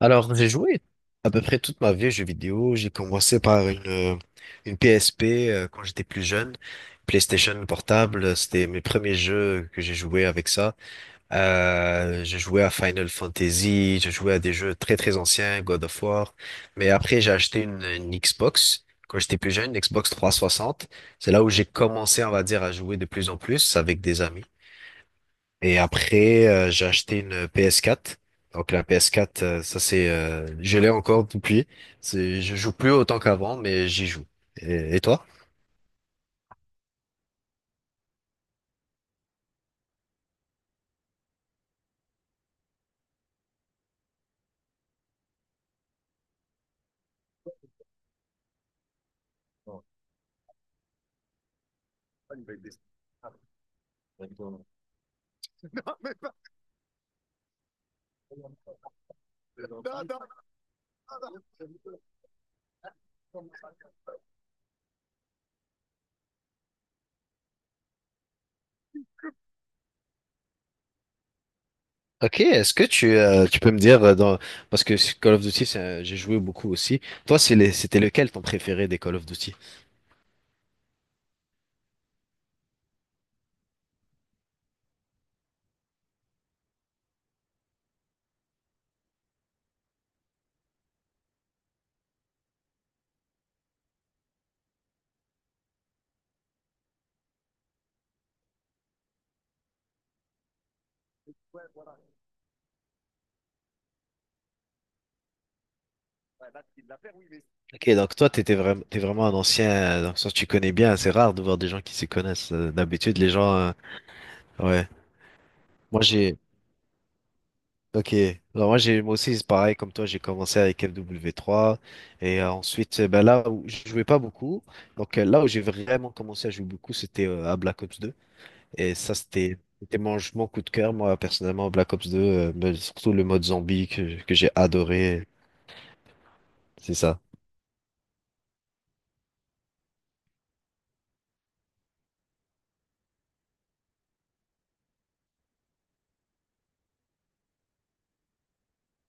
Alors, j'ai joué à peu près toute ma vie aux jeux vidéo. J'ai commencé par une PSP quand j'étais plus jeune. PlayStation portable, c'était mes premiers jeux que j'ai joué avec ça. J'ai joué à Final Fantasy, j'ai joué à des jeux très très anciens, God of War. Mais après, j'ai acheté une Xbox quand j'étais plus jeune, une Xbox 360. C'est là où j'ai commencé, on va dire, à jouer de plus en plus avec des amis. Et après, j'ai acheté une PS4. Donc la PS4, je l'ai encore depuis. Je joue plus autant qu'avant, mais j'y joue. Et toi? Ok, est-ce que tu peux me dire dans parce que Call of Duty, j'ai joué beaucoup aussi. Toi, c'était lequel ton préféré des Call of Duty? Ok, donc toi, t'étais vraiment, t'es vraiment un ancien, dans le sens tu connais bien. C'est rare de voir des gens qui s'y connaissent. D'habitude, les gens, ouais. Moi, ok. Alors, moi, moi aussi, c'est pareil comme toi. J'ai commencé avec FW3, et ensuite, ben là où je jouais pas beaucoup. Donc là où j'ai vraiment commencé à jouer beaucoup, c'était à Black Ops deux. Et ça, c'était mon coup de cœur, moi, personnellement, Black Ops 2, mais surtout le mode zombie que j'ai adoré, c'est ça.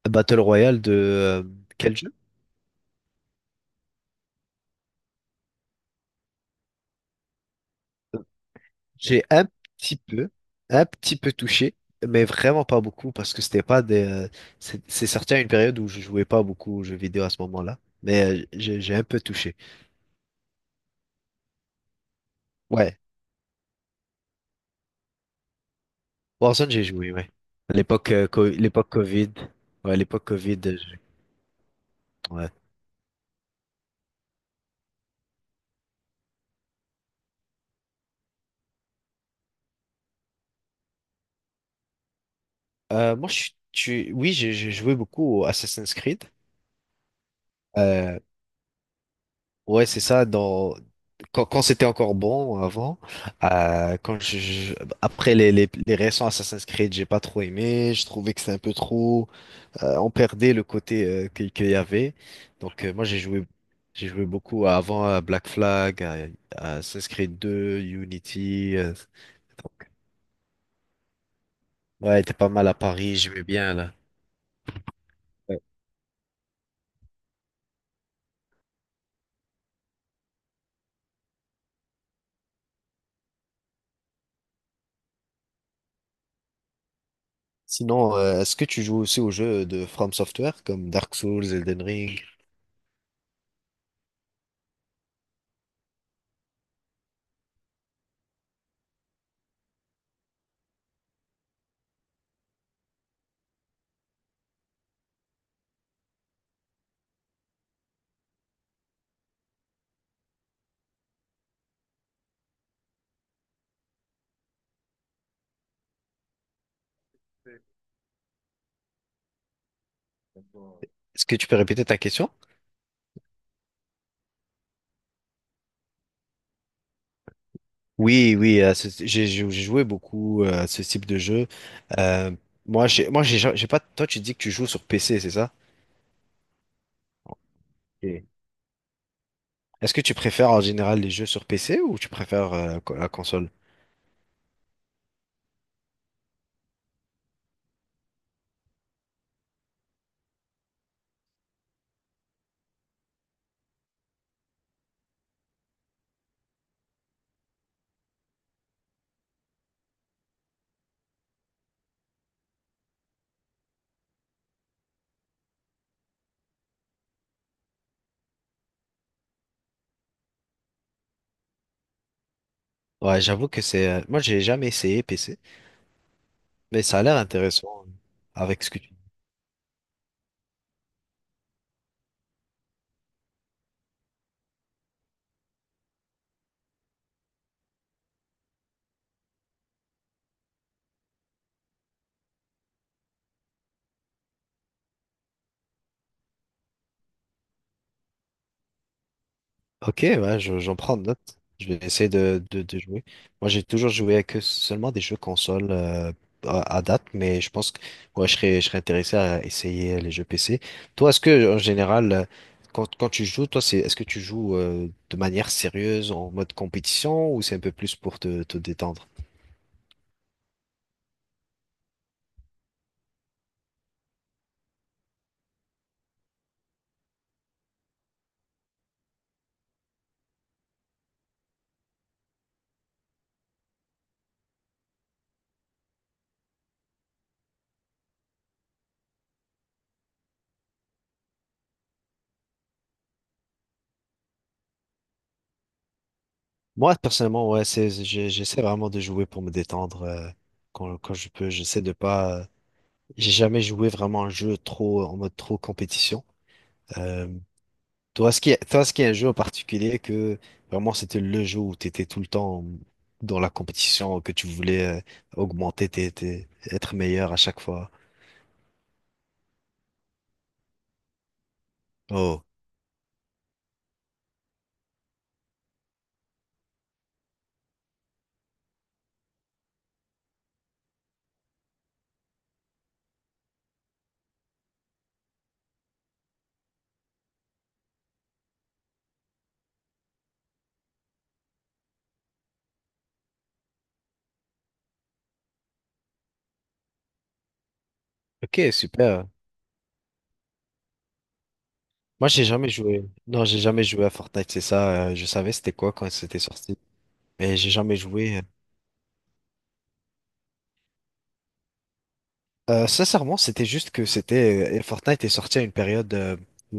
Battle Royale de quel jeu? J'ai petit peu, un petit peu touché, mais vraiment pas beaucoup, parce que c'était pas des... c'est sorti à une période où je jouais pas beaucoup aux jeux vidéo à ce moment-là, mais j'ai un peu touché. Ouais, Warzone, j'ai joué, ouais. L'époque l'époque Covid. Ouais, l'époque Covid. Ouais. Moi, oui, j'ai joué beaucoup au Assassin's Creed. Euh, ouais, c'est ça. Quand c'était encore bon avant, euh, quand je, je- après les récents Assassin's Creed, j'ai pas trop aimé. Je trouvais que c'était un peu trop. On perdait le côté qu'il y avait. Donc moi j'ai joué beaucoup avant à Black Flag, à Assassin's Creed 2, Unity. Donc, ouais, était pas mal à Paris. J'aimais bien là. Ouais. Sinon, est-ce que tu joues aussi aux jeux de From Software comme Dark Souls, Elden Ring? Est-ce que tu peux répéter ta question? Oui, oui, j'ai joué beaucoup à ce type de jeu. Euh, Moi, j'ai pas. Toi, tu dis que tu joues sur PC, c'est ça? Oui. Est-ce que tu préfères en général les jeux sur PC ou tu préfères la console? Ouais, j'avoue que c'est. Moi, j'ai jamais essayé PC. Mais ça a l'air intéressant avec ce que tu dis. Ok, ouais, j'en prends note. Je vais essayer de jouer. Moi, j'ai toujours joué que seulement des jeux console à date, mais je pense que ouais, je serais intéressé à essayer les jeux PC. Toi, est-ce que en général, quand tu joues, toi, est-ce que tu joues de manière sérieuse, en mode compétition, ou c'est un peu plus pour te détendre? Moi, personnellement, ouais, j'essaie vraiment de jouer pour me détendre quand je peux. J'essaie de pas. J'ai jamais joué vraiment un jeu trop en mode trop compétition. euh, Toi, est-ce qu'il y a un jeu en particulier que vraiment c'était le jeu où tu étais tout le temps dans la compétition, que tu voulais augmenter, être meilleur à chaque fois? Oh, ok, super. Moi, j'ai jamais joué. Non, j'ai jamais joué à Fortnite, c'est ça. Je savais c'était quoi quand c'était sorti, mais j'ai jamais joué. Sincèrement, c'était juste que c'était Fortnite est sorti à une période,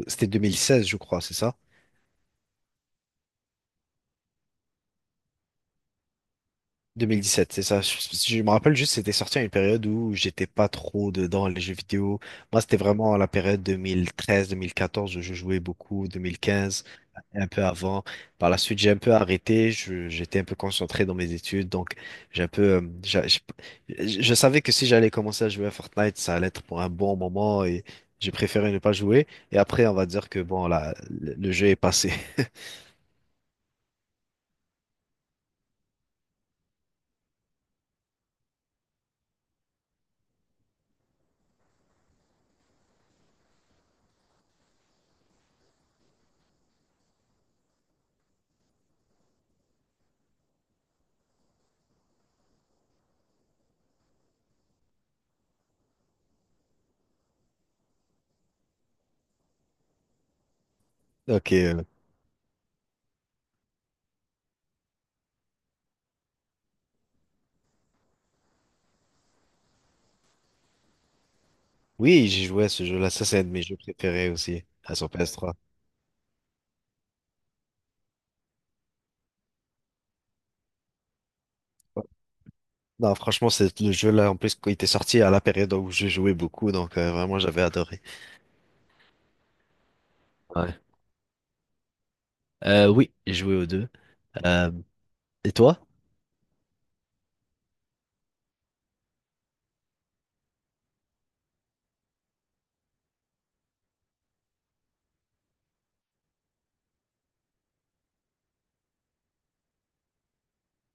c'était 2016, je crois, c'est ça? 2017, c'est ça. Je me rappelle juste, c'était sorti à une période où j'étais pas trop dedans les jeux vidéo. Moi, c'était vraiment la période 2013-2014 où je jouais beaucoup, 2015, un peu avant. Par la suite, j'ai un peu arrêté. J'étais un peu concentré dans mes études, donc j'ai un peu, j'a- j'ai- je savais que si j'allais commencer à jouer à Fortnite, ça allait être pour un bon moment et j'ai préféré ne pas jouer. Et après, on va dire que bon, là, le jeu est passé. Ok. Oui, j'ai joué à ce jeu-là. Ça, c'est un de mes jeux préférés aussi, à son PS3. Non, franchement, c'est le jeu là, en plus, quand il était sorti à la période où je jouais beaucoup, donc vraiment, j'avais adoré. Ouais. Oui, j'ai joué aux deux. Euh, et toi?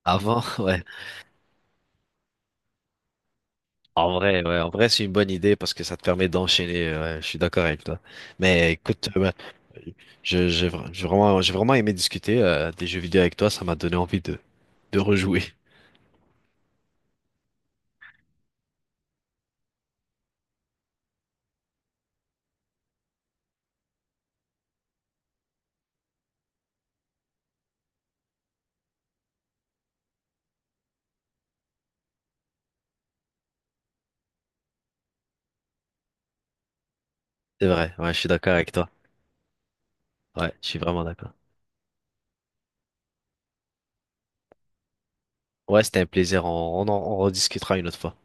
Avant, ouais. En vrai, ouais, en vrai, c'est une bonne idée parce que ça te permet d'enchaîner. Ouais, je suis d'accord avec toi. Mais écoute, j'ai vraiment aimé discuter des jeux vidéo avec toi. Ça m'a donné envie de rejouer. C'est vrai, ouais, je suis d'accord avec toi. Ouais, je suis vraiment d'accord. Ouais, c'était un plaisir. On en on rediscutera une autre fois.